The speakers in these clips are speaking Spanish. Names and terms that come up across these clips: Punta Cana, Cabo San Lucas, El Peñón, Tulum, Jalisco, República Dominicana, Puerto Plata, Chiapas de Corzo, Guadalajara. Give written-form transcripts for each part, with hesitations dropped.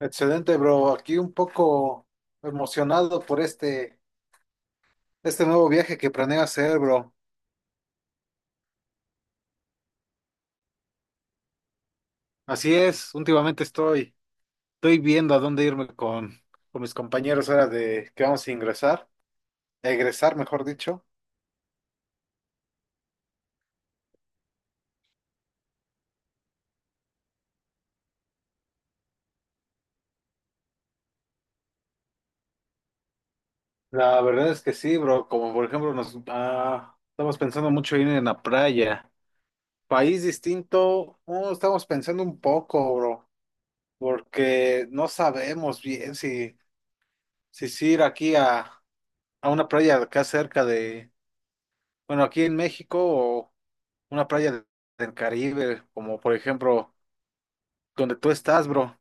Excelente, bro. Aquí un poco emocionado por este nuevo viaje que planeo hacer, bro. Así es, estoy viendo a dónde irme con mis compañeros ahora de que vamos a ingresar, egresar, mejor dicho. La verdad es que sí, bro. Como por ejemplo, nos estamos pensando mucho en ir en la playa. País distinto, estamos pensando un poco, bro, porque no sabemos bien si sí ir aquí a una playa acá cerca de. Bueno, aquí en México o una playa del Caribe, como por ejemplo donde tú estás, bro.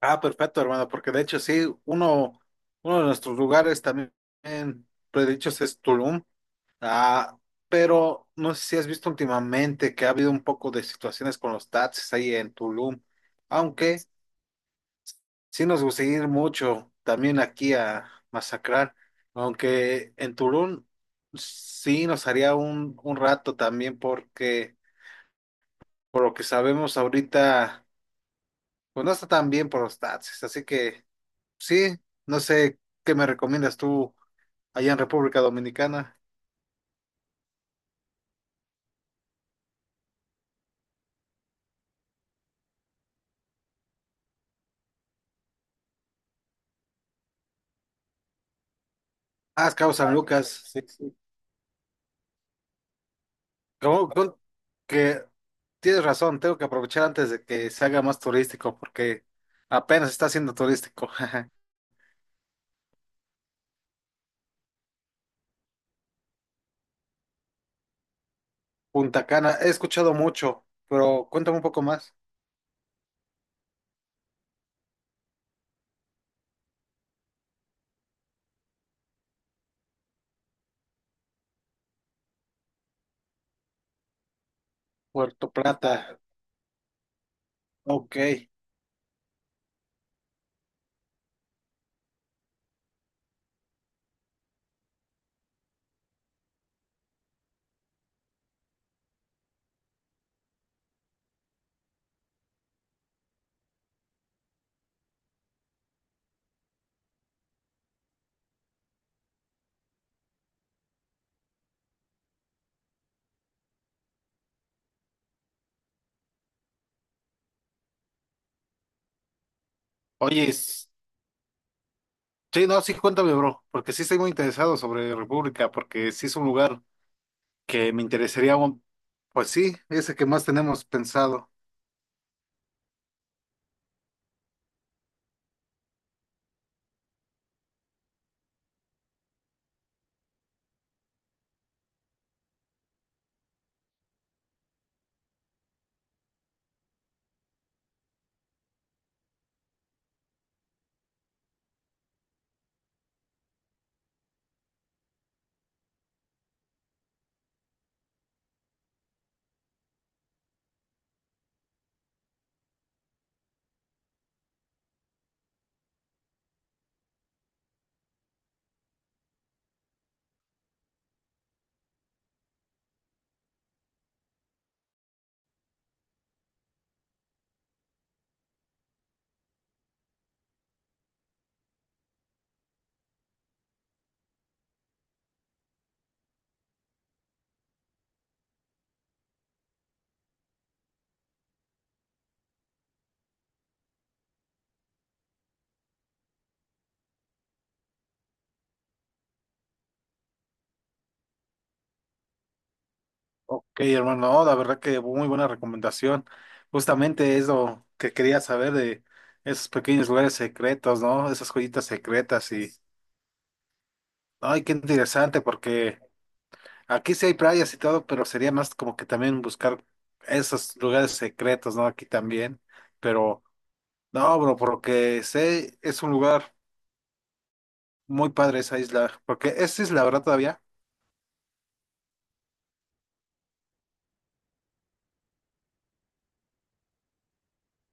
Ah, perfecto, hermano, porque de hecho sí, uno de nuestros lugares también predichos es Tulum. Ah, pero no sé si has visto últimamente que ha habido un poco de situaciones con los taxis ahí en Tulum, aunque sí nos gusta ir mucho también aquí a masacrar, aunque en Tulum sí nos haría un rato también porque... Por lo que sabemos ahorita, pues no está tan bien por los taxis. Así que sí, no sé qué me recomiendas tú allá en República Dominicana. Ah, es Cabo San Lucas. Sí. Como- con- que tienes razón, tengo que aprovechar antes de que se haga más turístico, porque apenas está siendo turístico. Punta Cana, he escuchado mucho, pero cuéntame un poco más. Puerto Plata, ok. Oye, es- sí, no, sí, cuéntame, bro, porque sí estoy muy interesado sobre República, porque sí es un lugar que me interesaría. Pues sí, ese que más tenemos pensado. Ok, hermano, no, la verdad que muy buena recomendación. Justamente es lo que quería saber de esos pequeños lugares secretos, ¿no? Esas joyitas secretas y, ay, qué interesante porque aquí sí hay playas y todo, pero sería más como que también buscar esos lugares secretos, ¿no? Aquí también, pero no, bro, porque sé, es un lugar muy padre esa isla, porque es isla, ¿verdad, todavía?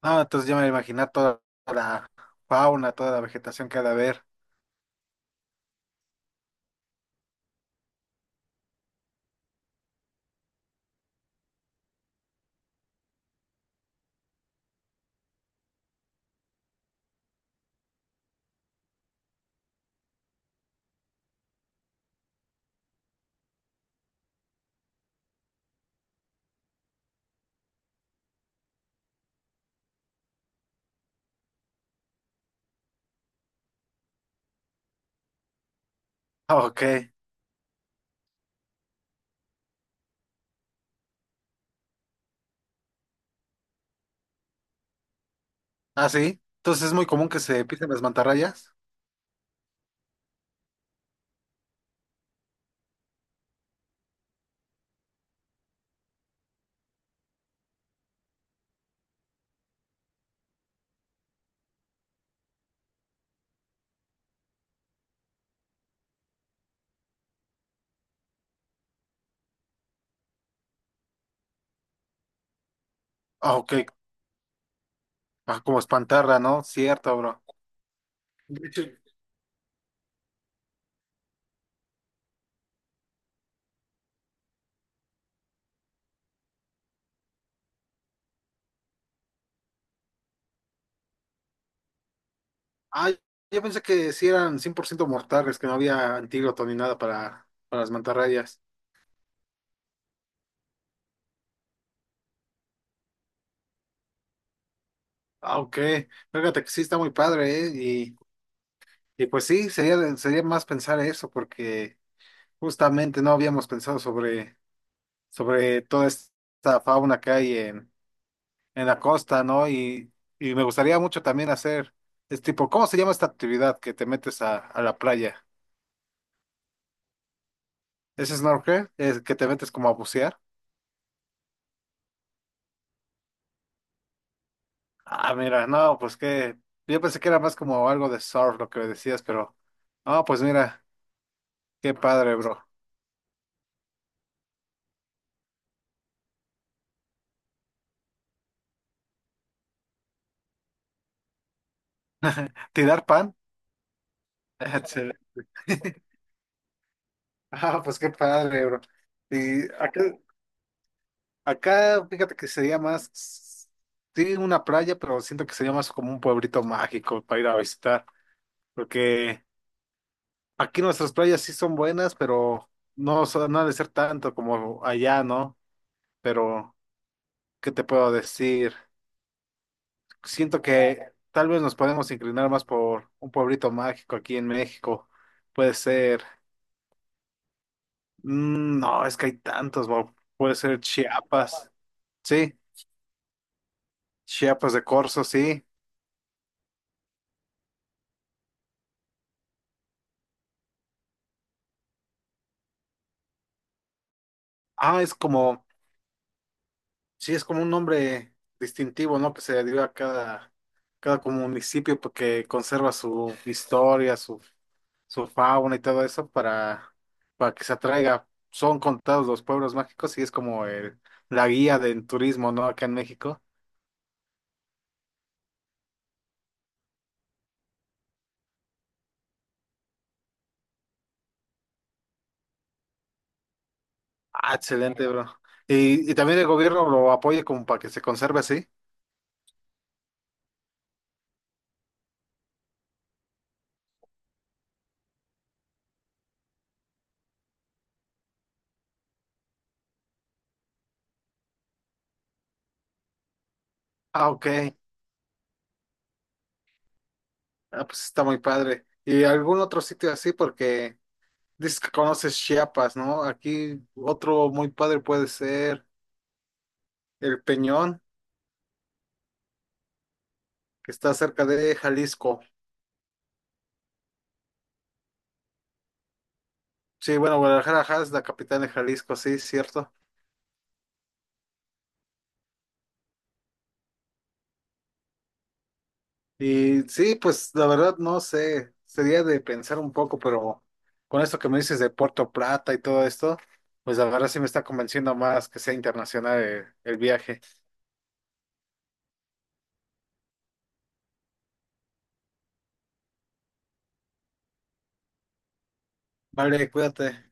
No, entonces yo me imaginé toda la fauna, toda la vegetación que ha de haber. Ah, ok. Ah, sí. Entonces es muy común que se pisen las mantarrayas. Ah, ok. Ah, como espantarla, ¿no? Cierto, bro. De hecho, ah, yo pensé que sí eran 100% mortales, que no había antídoto ni nada para las mantarrayas. Ah, ok. Fíjate que sí está muy padre, ¿eh? Y, y pues sí, sería más pensar eso, porque justamente no habíamos pensado sobre toda esta fauna que hay en la costa, ¿no? Y me gustaría mucho también hacer, es tipo, ¿cómo se llama esta actividad que te metes a la playa? ¿Es snorkel? ¿Es que te metes como a bucear? Ah, mira, no, pues que yo pensé que era más como algo de surf lo que me decías, pero no, pues mira, qué padre, bro. ¿Tirar pan? Excelente. Ah, pues qué padre, bro. Y acá, acá, fíjate que sería más, sí, una playa, pero siento que sería más como un pueblito mágico para ir a visitar, porque aquí nuestras playas sí son buenas, pero no, no ha de ser tanto como allá, ¿no? Pero, ¿qué te puedo decir? Siento que tal vez nos podemos inclinar más por un pueblito mágico aquí en México. Puede ser, no, es que hay tantos, Bob. Puede ser Chiapas, sí, Chiapas de Corzo, sí. Ah, es como, sí, es como un nombre distintivo, ¿no? Que se le dio a cada como municipio porque conserva su historia, su fauna y todo eso para que se atraiga. Son contados los pueblos mágicos y es como el, la guía del turismo, ¿no? Acá en México. Ah, excelente, bro. Y también el gobierno lo apoya como para que se conserve así. Ah, ok. Ah, pues está muy padre. ¿Y algún otro sitio así? Porque dices que conoces Chiapas, ¿no? Aquí otro muy padre puede ser. El Peñón, que está cerca de Jalisco. Sí, bueno, Guadalajara ajá, es la capital de Jalisco, sí, cierto. Y sí, pues la verdad no sé, sería de pensar un poco, pero con esto que me dices de Puerto Plata y todo esto, pues la verdad sí me está convenciendo más que sea internacional el viaje. Vale, cuídate.